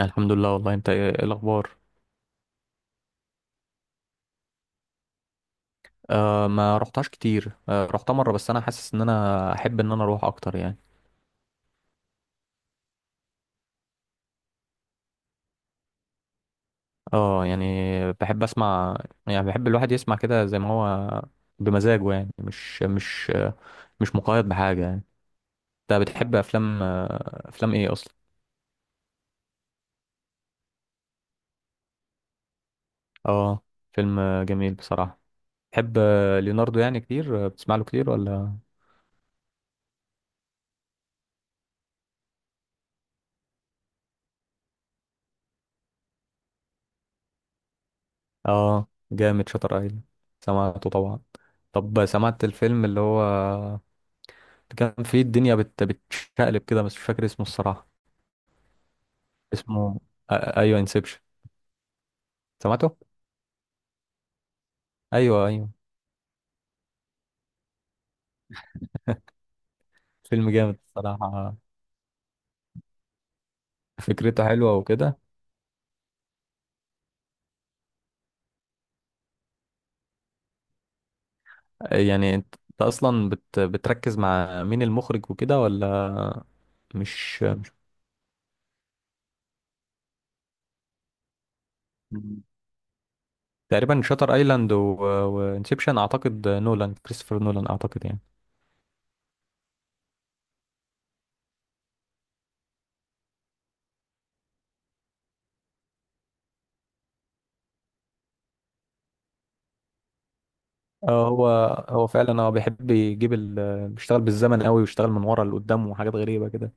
الحمد لله، والله انت ايه؟ ايه الاخبار؟ ما رحتهاش كتير. رحتها مره، بس انا حاسس ان انا احب ان انا اروح اكتر يعني. اه يعني بحب اسمع، يعني بحب الواحد يسمع كده زي ما هو بمزاجه يعني، مش مقيد بحاجه يعني. انت بتحب افلام افلام ايه اصلا؟ اه، فيلم جميل بصراحه. تحب ليوناردو يعني كتير؟ بتسمع له كتير ولا؟ اه، جامد شاتر ايلاند، سمعته طبعا. طب سمعت الفيلم اللي هو كان في الدنيا بتشقلب كده، بس مش فاكر اسمه الصراحة. اسمه ايوه، انسبشن. سمعته؟ ايوه ايوه، فيلم جامد الصراحة، فكرته حلوة وكده. يعني انت، أنت اصلا بتركز مع مين، المخرج وكده ولا؟ مش مش- تقريبا شاتر ايلاند وانسبشن، اعتقد نولان، كريستوفر نولان اعتقد يعني. اه، هو فعلا هو بيحب يجيب بيشتغل بالزمن قوي، ويشتغل من ورا لقدام وحاجات غريبة كده.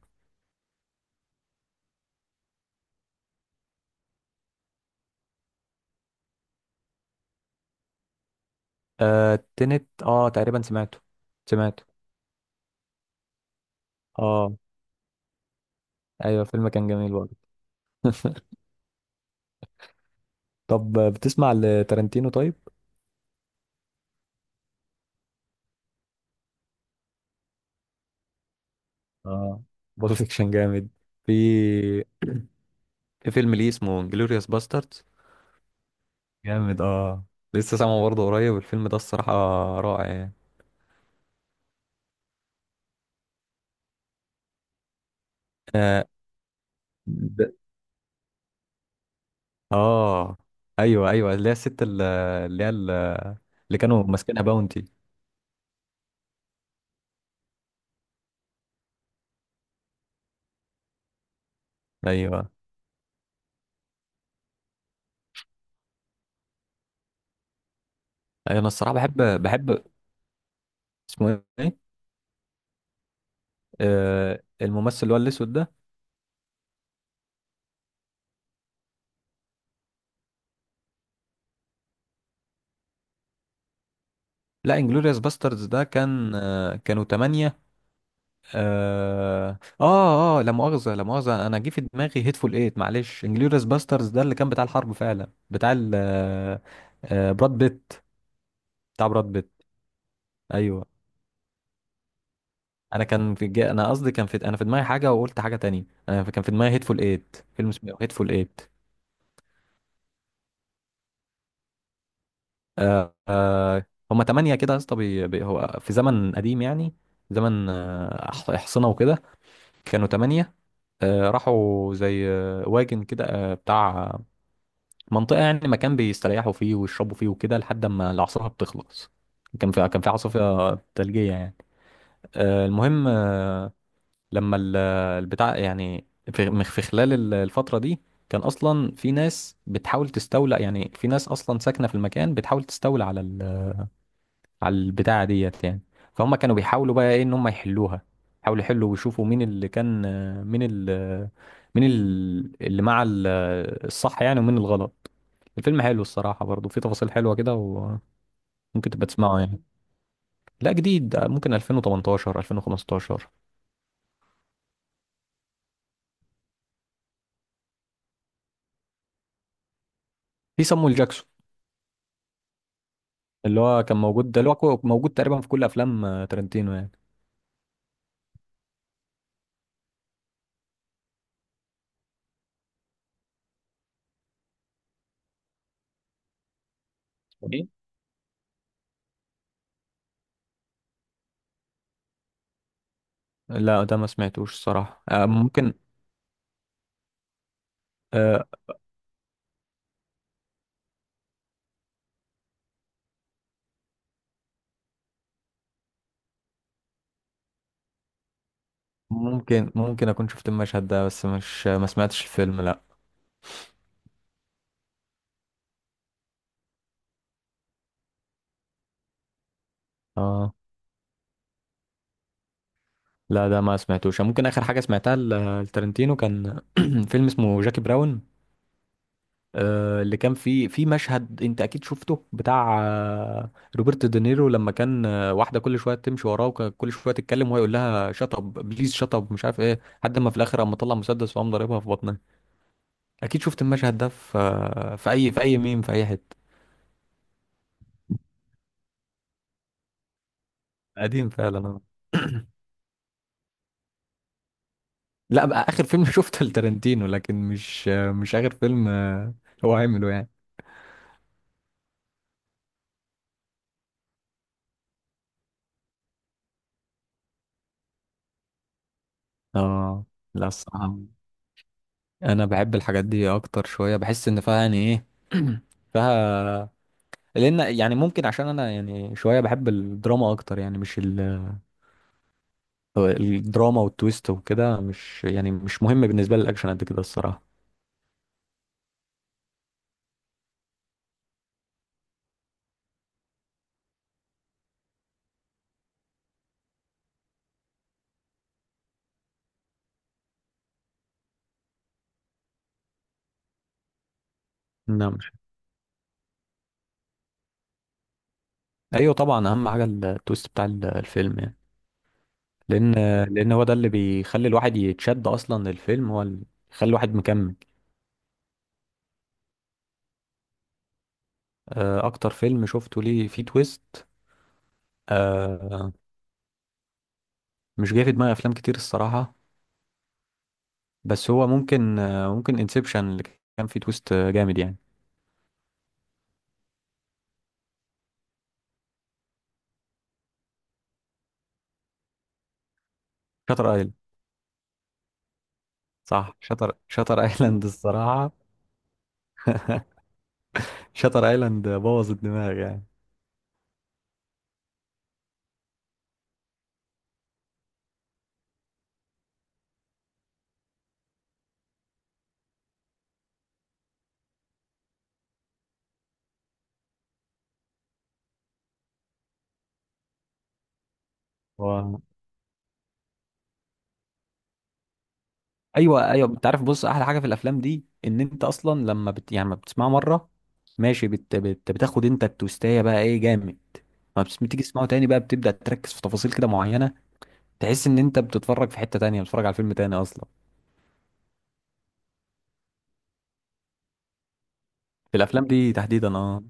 آه، تنت، اه تقريبا سمعته، سمعته. اه، ايوه فيلم كان جميل برضه. طب بتسمع لتارنتينو طيب؟ اه، بول فيكشن جامد. في في فيلم ليه اسمه انجلوريوس باستردز، جامد اه. لسه سامعه برضه قريب الفيلم ده الصراحة، رائع يعني. اه، ب- آه. ايوه ايوه، اللي هي الست اللي هي اللي كانوا ماسكينها، باونتي. ايوه، أيوة، انا الصراحة بحب. اسمه ايه؟ آه، الممثل اللي هو الاسود ده. لا، انجلوريوس باستردز ده كان آه، كانوا تمانية. اه اه، لا مؤاخذة لا مؤاخذة، انا جه في دماغي هيتفول ايت، معلش. انجلوريوس باسترز ده اللي كان بتاع الحرب فعلا، بتاع ال آه، آه، براد بيت، بتاع براد بيت. ايوه، انا كان انا قصدي كان في، انا في دماغي حاجة وقلت حاجة تانية. كان في دماغي هيتفول ايت، فيلم اسمه هيتفول ايت. آه آه، هما تمانية كده يا اسطى. هو في زمن قديم يعني، زمن احصنة وكده، كانوا تمانية. راحوا زي واجن كده، بتاع منطقة يعني، مكان بيستريحوا فيه ويشربوا فيه وكده لحد ما العاصفة بتخلص. كان في عاصفة ثلجية يعني. المهم، لما البتاع يعني، في خلال الفترة دي كان أصلا في ناس بتحاول تستولى، يعني في ناس أصلا ساكنة في المكان بتحاول تستولى على على البتاعة ديت يعني. فهم كانوا بيحاولوا بقى ايه، ان هم يحلوها. حاولوا يحلوا ويشوفوا مين اللي كان، مين ال اللي مع الصح يعني، ومين الغلط. الفيلم حلو الصراحة، برضه فيه تفاصيل حلوة كده وممكن تبقى تسمعه يعني. لا جديد، ممكن 2018، 2015. في صامويل جاكسون، اللي هو كان موجود ده، اللي هو موجود تقريبا في كل افلام تارنتينو يعني. اسمه ايه؟ لا ده ما سمعتوش الصراحة، ممكن. آه، ممكن ممكن اكون شفت المشهد ده، بس مش، ما سمعتش الفيلم لا. اه، لا ده ما سمعتوش. ممكن اخر حاجه سمعتها لتارنتينو كان فيلم اسمه جاكي براون، اللي كان فيه في مشهد انت اكيد شفته، بتاع روبرت دينيرو لما كان واحده كل شويه تمشي وراه وكل شويه تتكلم، وهو يقول لها شط اب بليز، شط اب، مش عارف ايه، لحد ما في الاخر قام مطلع مسدس وقام ضاربها في بطنها. اكيد شفت المشهد ده في في اي، في اي ميم، في اي حته. قديم فعلا آه. لا بقى اخر فيلم شفته لتارنتينو، لكن مش مش اخر فيلم هو عمله يعني. اه لا الصراحة، انا بحب الحاجات دي اكتر شوية، بحس ان فيها يعني ايه فيها، لان يعني، ممكن عشان انا يعني شوية بحب الدراما اكتر، يعني مش الدراما والتويست وكده، مش يعني مش مهم بالنسبة لي الاكشن قد كده الصراحة. نعم، ايوه طبعا اهم حاجة التويست بتاع الفيلم يعني، لان لان هو ده اللي بيخلي الواحد يتشد اصلا للفيلم، هو اللي يخلي الواحد مكمل. اكتر فيلم شفته ليه فيه تويست، آه، مش جاي في دماغي افلام كتير الصراحة، بس هو ممكن ممكن انسبشن اللي كان فيه تويست جامد يعني. شاتر ايلاند، صح شاتر ايلاند الصراحه. شاتر ايلاند بوظ الدماغ يعني. و... ايوه ايوه، انت عارف بص، احلى حاجه في الافلام دي ان انت اصلا لما يعني ما بتسمعه مره ماشي، بتاخد انت التويستايه بقى ايه جامد، ما بتيجي تسمعه تاني بقى بتبدا تركز في تفاصيل كده معينه، تحس ان انت بتتفرج في حته تانية، بتتفرج على فيلم تاني اصلا. في الافلام دي تحديدا اه.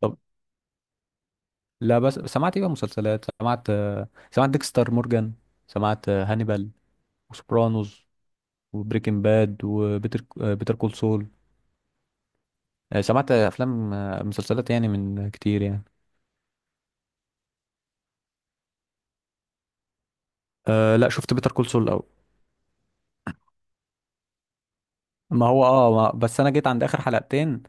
طب، لا بس سمعت ايه بقى، مسلسلات سمعت، سمعت ديكستر مورجان، سمعت هانيبال، وسوبرانوز، وبريكنج باد، بيتر كول سول، سمعت افلام مسلسلات يعني من كتير يعني. أه لا، شفت بيتر كول سول الاول. ما هو اه، ما بس انا جيت عند اخر حلقتين.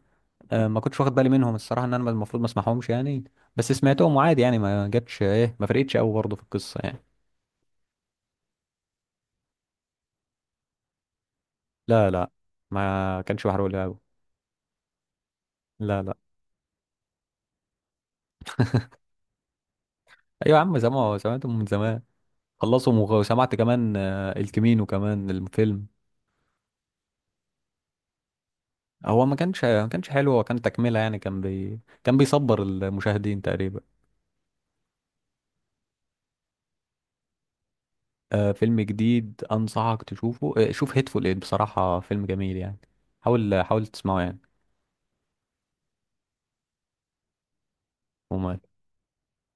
أه، ما كنتش واخد بالي منهم الصراحه، ان انا المفروض ما اسمعهمش يعني، بس سمعتهم وعادي يعني، ما جاتش ايه ما فرقتش قوي برضه في القصه يعني. لا لا، ما كانش بحرق لي قوي. لا لا. ايوه يا عم، زمان سمعتهم من زمان، خلصهم وسمعت كمان الكمينو كمان، الفيلم. هو ما كانش حلو، هو كان تكملة يعني، كان بيصبر المشاهدين تقريبا. فيلم جديد أنصحك تشوفه، شوف هيتفول إيد بصراحة فيلم جميل يعني، حاول تسمعه يعني. وما